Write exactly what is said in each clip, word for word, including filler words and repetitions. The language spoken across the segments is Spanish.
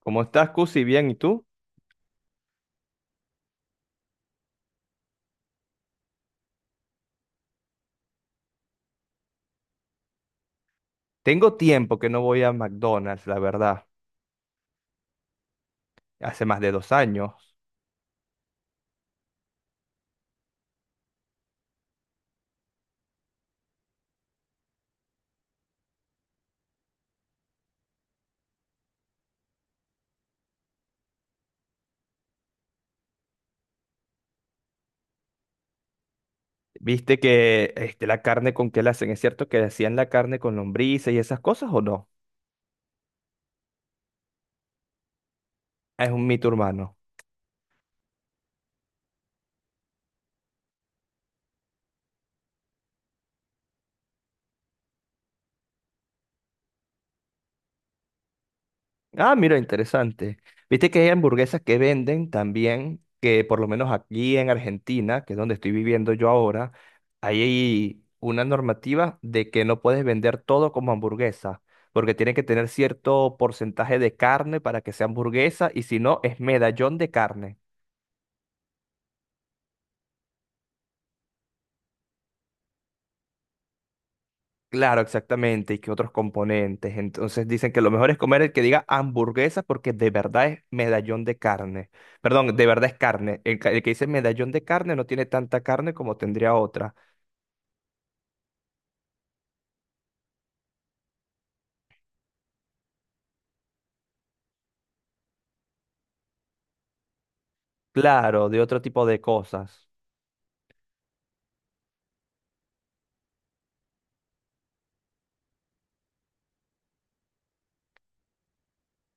¿Cómo estás, Cusi? Bien, ¿y tú? Tengo tiempo que no voy a McDonald's, la verdad. Hace más de dos años. ¿Viste que este, la carne con qué la hacen? ¿Es cierto que hacían la carne con lombrices y esas cosas o no? Es un mito urbano. Ah, mira, interesante. Viste que hay hamburguesas que venden también, que por lo menos aquí en Argentina, que es donde estoy viviendo yo ahora, hay una normativa de que no puedes vender todo como hamburguesa, porque tiene que tener cierto porcentaje de carne para que sea hamburguesa, y si no, es medallón de carne. Claro, exactamente, y que otros componentes. Entonces dicen que lo mejor es comer el que diga hamburguesa porque de verdad es medallón de carne. Perdón, de verdad es carne. El, ca- el que dice medallón de carne no tiene tanta carne como tendría otra. Claro, de otro tipo de cosas.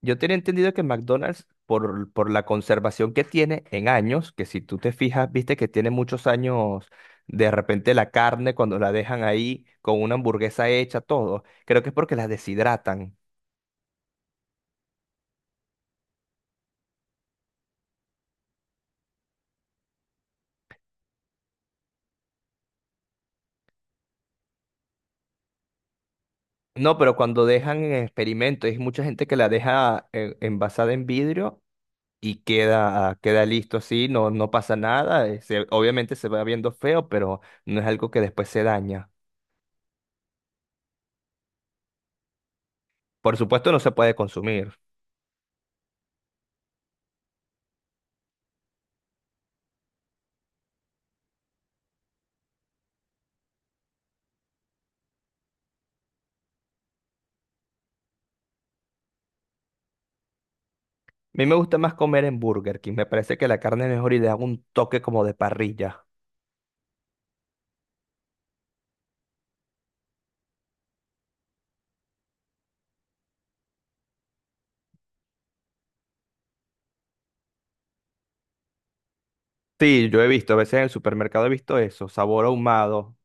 Yo tenía entendido que McDonald's, por, por la conservación que tiene en años, que si tú te fijas, viste que tiene muchos años, de repente la carne cuando la dejan ahí con una hamburguesa hecha, todo, creo que es porque la deshidratan. No, pero cuando dejan en experimento, hay mucha gente que la deja en- envasada en vidrio y queda, queda listo así, no, no pasa nada. Eh, se- obviamente se va viendo feo, pero no es algo que después se daña. Por supuesto, no se puede consumir. A mí me gusta más comer en Burger King. Me parece que la carne es mejor y le hago un toque como de parrilla. Sí, yo he visto, a veces en el supermercado he visto eso, sabor ahumado.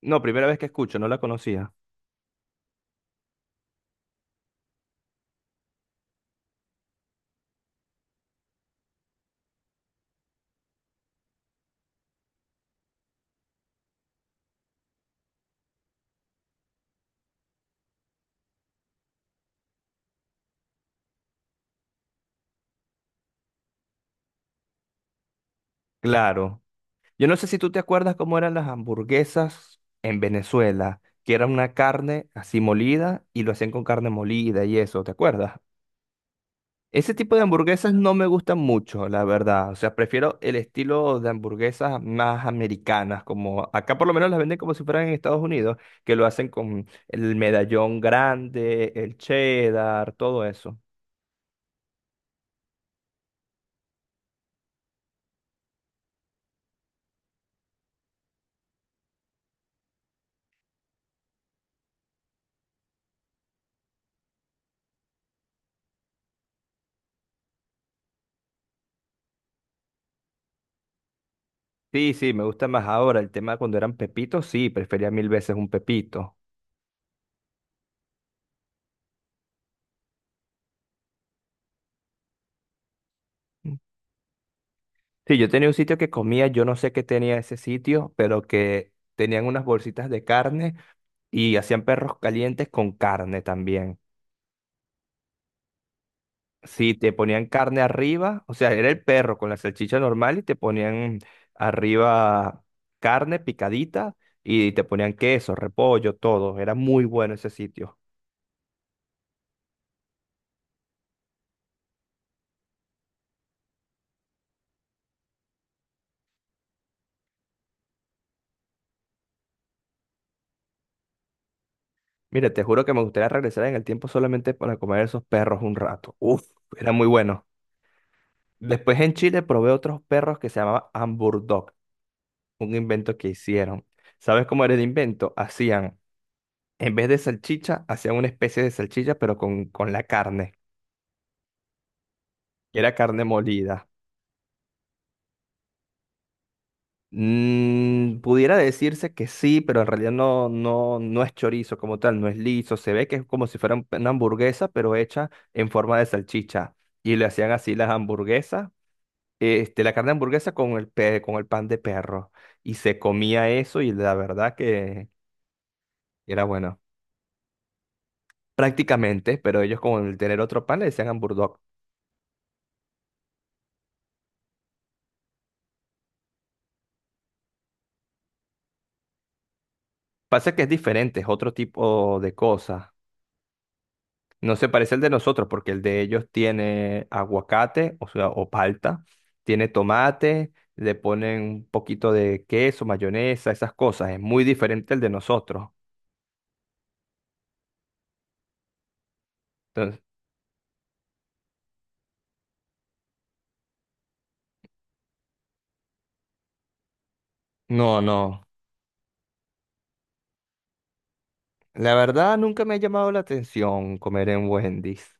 No, primera vez que escucho, no la conocía. Claro. Yo no sé si tú te acuerdas cómo eran las hamburguesas en Venezuela, que era una carne así molida y lo hacían con carne molida y eso, ¿te acuerdas? Ese tipo de hamburguesas no me gustan mucho, la verdad. O sea, prefiero el estilo de hamburguesas más americanas, como acá por lo menos las venden como si fueran en Estados Unidos, que lo hacen con el medallón grande, el cheddar, todo eso. Sí, sí, me gusta más ahora. El tema cuando eran pepitos, sí, prefería mil veces un pepito. Sí, yo tenía un sitio que comía, yo no sé qué tenía ese sitio, pero que tenían unas bolsitas de carne y hacían perros calientes con carne también. Sí, te ponían carne arriba, o sea, era el perro con la salchicha normal y te ponían arriba carne picadita y te ponían queso, repollo, todo. Era muy bueno ese sitio. Mira, te juro que me gustaría regresar en el tiempo solamente para comer esos perros un rato. Uf, era muy bueno. Después en Chile probé otros perros que se llamaban Hamburg, un invento que hicieron. ¿Sabes cómo era el invento? Hacían, en vez de salchicha, hacían una especie de salchicha, pero con, con la carne. Era carne molida. Mm, pudiera decirse que sí, pero en realidad no, no, no es chorizo como tal, no es liso. Se ve que es como si fuera un- una hamburguesa, pero hecha en forma de salchicha. Y le hacían así las hamburguesas, este, la carne de hamburguesa con el, pe- con el pan de perro. Y se comía eso y la verdad que era bueno. Prácticamente, pero ellos con el tener otro pan le decían hamburdog. Pasa que es diferente, es otro tipo de cosa. No se parece al de nosotros porque el de ellos tiene aguacate, o sea, o palta, tiene tomate, le ponen un poquito de queso, mayonesa, esas cosas. Es muy diferente al de nosotros. Entonces, no, no. La verdad nunca me ha llamado la atención comer en Wendy's.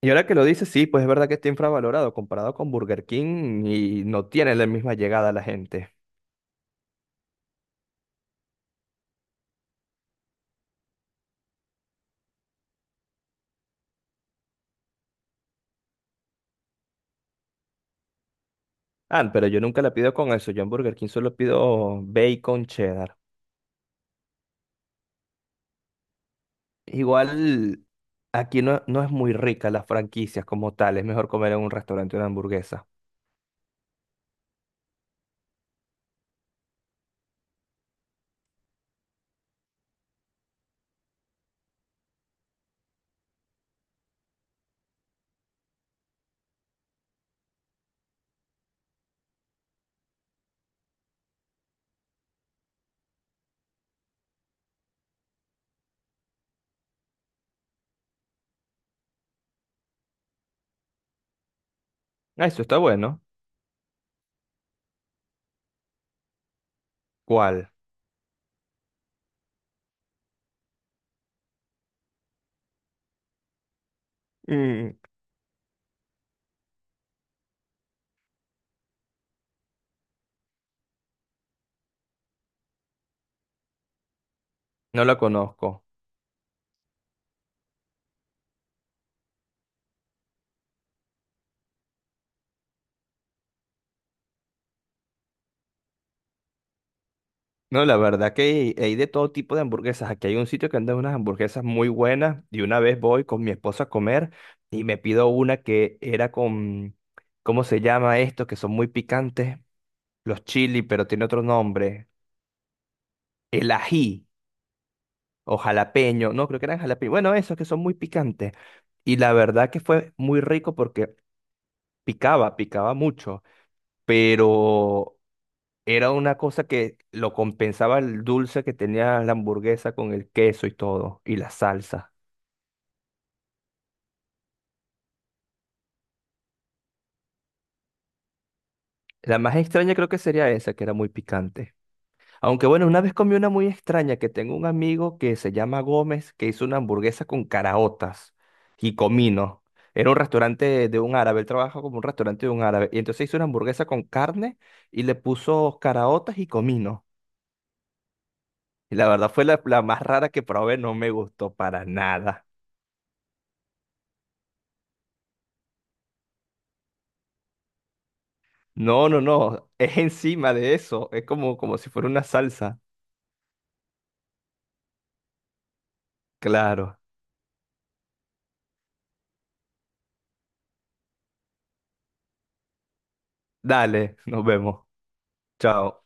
Y ahora que lo dices, sí, pues es verdad que está infravalorado comparado con Burger King y no tiene la misma llegada a la gente. Ah, pero yo nunca la pido con eso. Yo en Burger King solo pido bacon cheddar. Igual aquí no, no es muy rica las franquicias como tal. Es mejor comer en un restaurante una hamburguesa. Ah, eso está bueno. ¿Cuál? Mm, no la conozco. No, la verdad que hay de todo tipo de hamburguesas. Aquí hay un sitio que anda unas hamburguesas muy buenas. Y una vez voy con mi esposa a comer y me pido una que era con, ¿cómo se llama esto? Que son muy picantes. Los chili, pero tiene otro nombre. El ají. O jalapeño, no, creo que eran jalapeño. Bueno, esos que son muy picantes. Y la verdad que fue muy rico porque picaba, picaba mucho, pero era una cosa que lo compensaba el dulce que tenía la hamburguesa con el queso y todo, y la salsa. La más extraña creo que sería esa, que era muy picante. Aunque bueno, una vez comí una muy extraña que tengo un amigo que se llama Gómez que hizo una hamburguesa con caraotas y comino. Era un restaurante de un árabe, él trabaja como un restaurante de un árabe. Y entonces hizo una hamburguesa con carne y le puso caraotas y comino. Y la verdad fue la, la más rara que probé, no me gustó para nada. No, no, no, es encima de eso, es como, como si fuera una salsa. Claro. Dale, nos vemos. Chao.